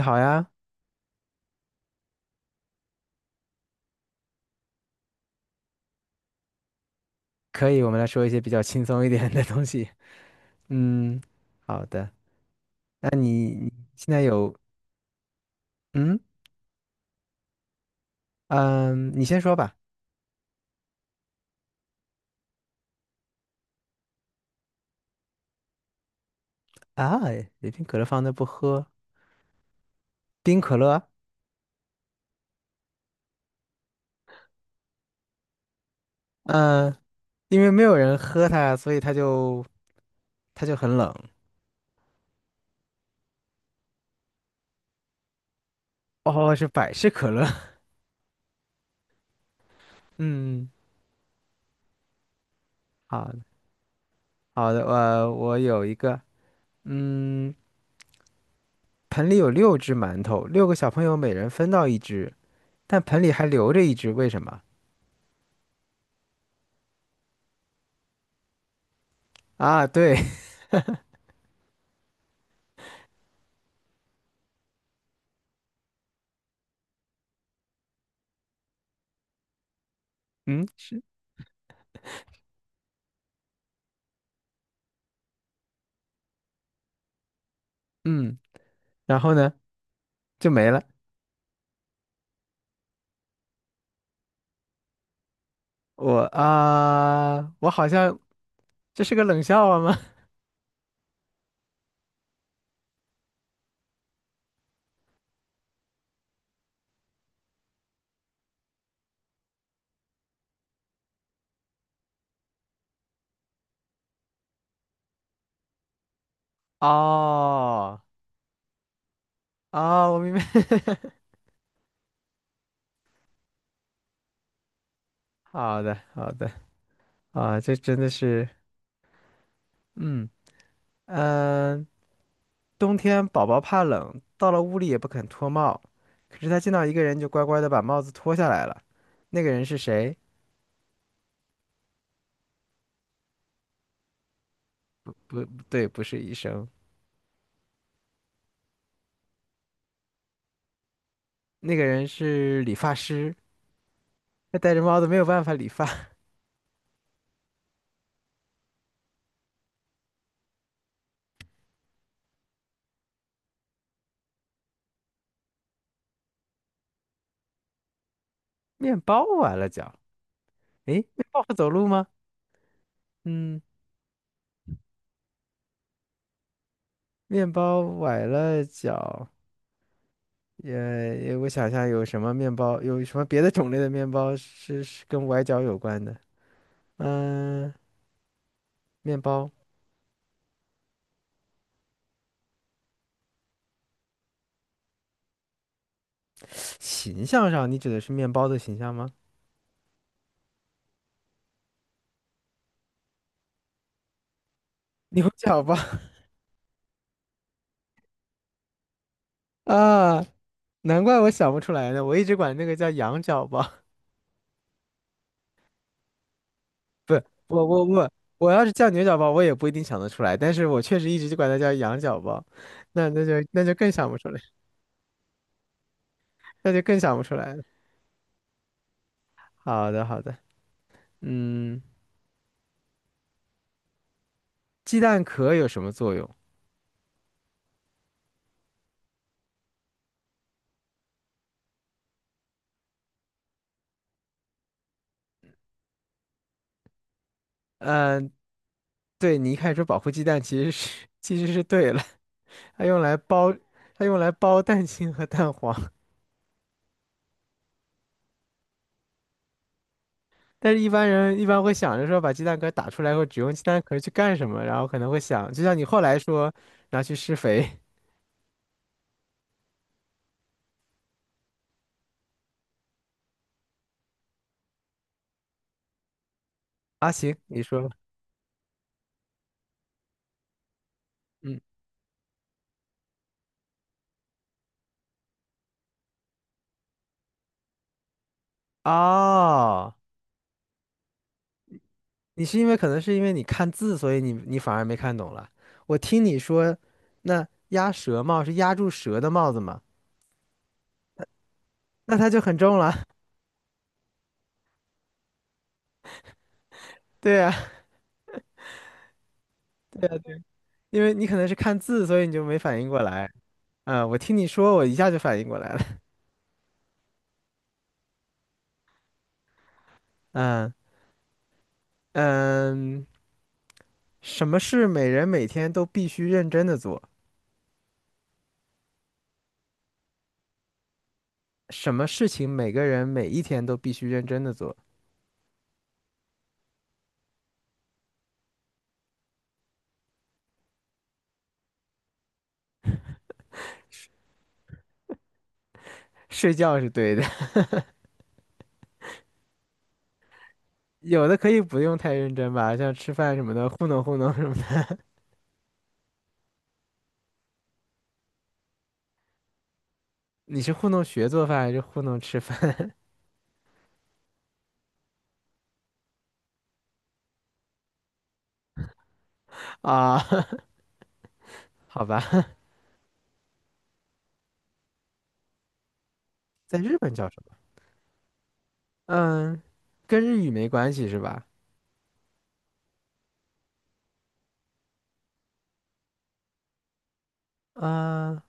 你好呀，可以，我们来说一些比较轻松一点的东西。嗯，好的。那你现在有嗯嗯，你先说吧。啊，有瓶可乐放那不喝，冰可乐？嗯，因为没有人喝它，所以它就很冷。哦，是百事可乐。嗯，好的好的，我有一个，嗯，盆里有六只馒头，六个小朋友每人分到一只，但盆里还留着一只，为什么？啊，对，嗯，是，嗯。然后呢就没了。我啊，我好像这是个冷笑话吗？哦，哦，我明白。好的，好的，啊，这真的是，嗯嗯、呃冬天宝宝怕冷，到了屋里也不肯脱帽，可是他见到一个人就乖乖的把帽子脱下来了。那个人是谁？不，不对，不是医生，那个人是理发师。他戴着帽子没有办法理发，面包完了脚。诶，面包会走路吗？嗯。面包崴了脚，也也我想想有什么面包，有什么别的种类的面包是跟崴脚有关的？嗯，面包形象上，你指的是面包的形象吗？牛角包。 啊，难怪我想不出来呢，我一直管那个叫羊角包。我我要是叫牛角包，我也不一定想得出来，但是我确实一直就管它叫羊角包，那就更想不出来，那就更想不出来了。好的好的，嗯，鸡蛋壳有什么作用？嗯、呃对，你一开始说保护鸡蛋，其实是对了，它用来包它用来包蛋清和蛋黄，但是一般人一般会想着说把鸡蛋壳打出来或只用鸡蛋壳去干什么，然后可能会想，就像你后来说拿去施肥。啊，行，你说，嗯，哦，你是因为可能是因为你看字，所以你反而没看懂了。我听你说，那鸭舌帽是压住蛇的帽子嘛？那它就很重了，对呀，因为你可能是看字，所以你就没反应过来。嗯，我听你说，我一下就反应过来了。嗯，嗯，什么事每人每天都必须认真的做？什么事情每个人每一天都必须认真的做？睡觉是对的，有的可以不用太认真吧，像吃饭什么的，糊弄糊弄什么的。你是糊弄学做饭还是糊弄吃饭？ 啊？好吧，在日本叫什么？嗯，跟日语没关系是吧？啊，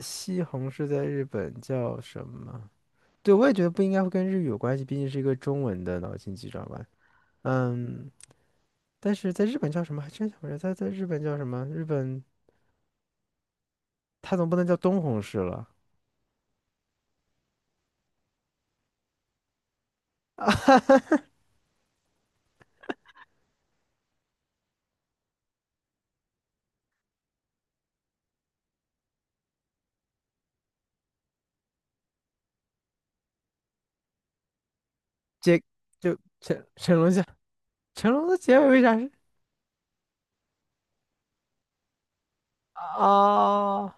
西红柿在日本叫什么？对，我也觉得不应该会跟日语有关系，毕竟是一个中文的脑筋急转弯。嗯，但是在日本叫什么？还真想不起来，在日本叫什么？日本它总不能叫东红市了，结就成成龙像成龙的结尾为啥是？啊？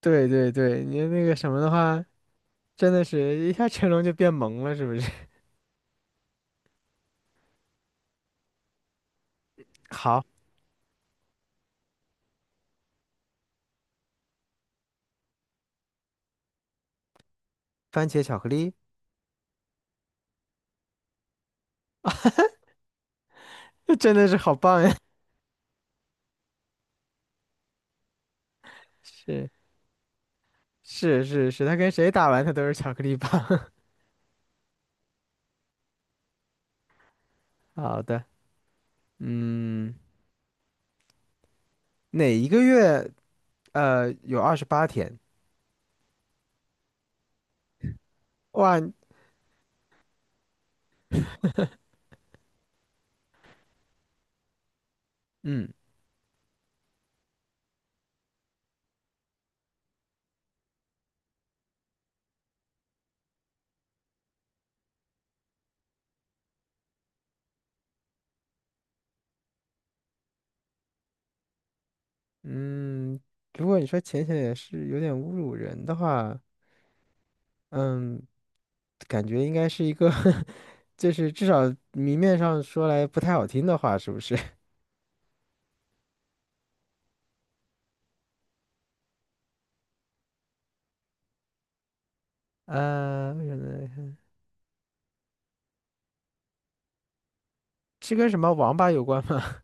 对对对，你那个什么的话，真的是一下成龙就变萌了，是不是？好，番茄巧克力，真的是好棒呀！是是，他跟谁打完他都是巧克力棒。好的，嗯，哪一个月呃有二十八天？哇，嗯嗯，如果你说浅浅也是有点侮辱人的话，嗯，感觉应该是一个 就是至少明面上说来不太好听的话，是不是？呃，为什么呢？是跟什么王八有关吗？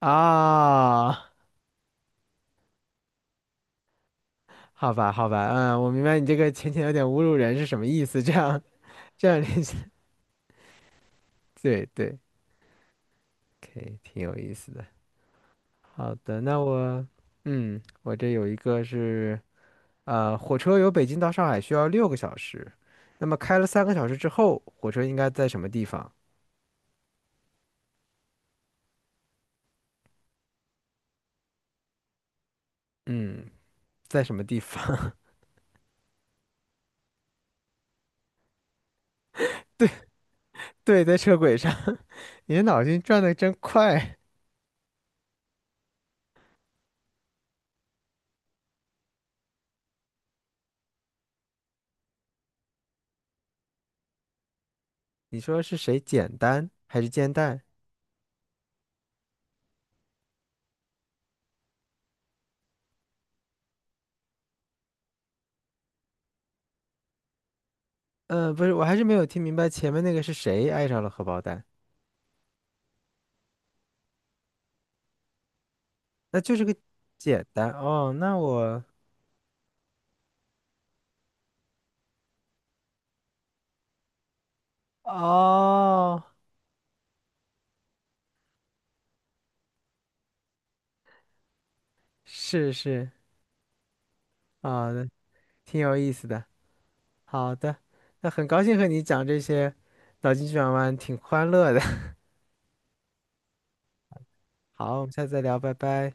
啊，好吧，好吧，嗯，我明白你这个浅浅有点侮辱人是什么意思，这样这样联系，对对，可以，挺有意思的。好的，那我，嗯，我这有一个是。呃，火车由北京到上海需要六个小时，那么开了三个小时之后，火车应该在什么地方？嗯，在什么地方？对对，在车轨上。你的脑筋转得真快。你说是谁简单还是煎蛋？嗯、不是，我还是没有听明白前面那个是谁爱上了荷包蛋。那就是个简单哦。那我哦，是啊，那挺有意思的。好的，那很高兴和你讲这些脑筋急转弯，挺欢乐的。好，我们下次再聊，拜拜。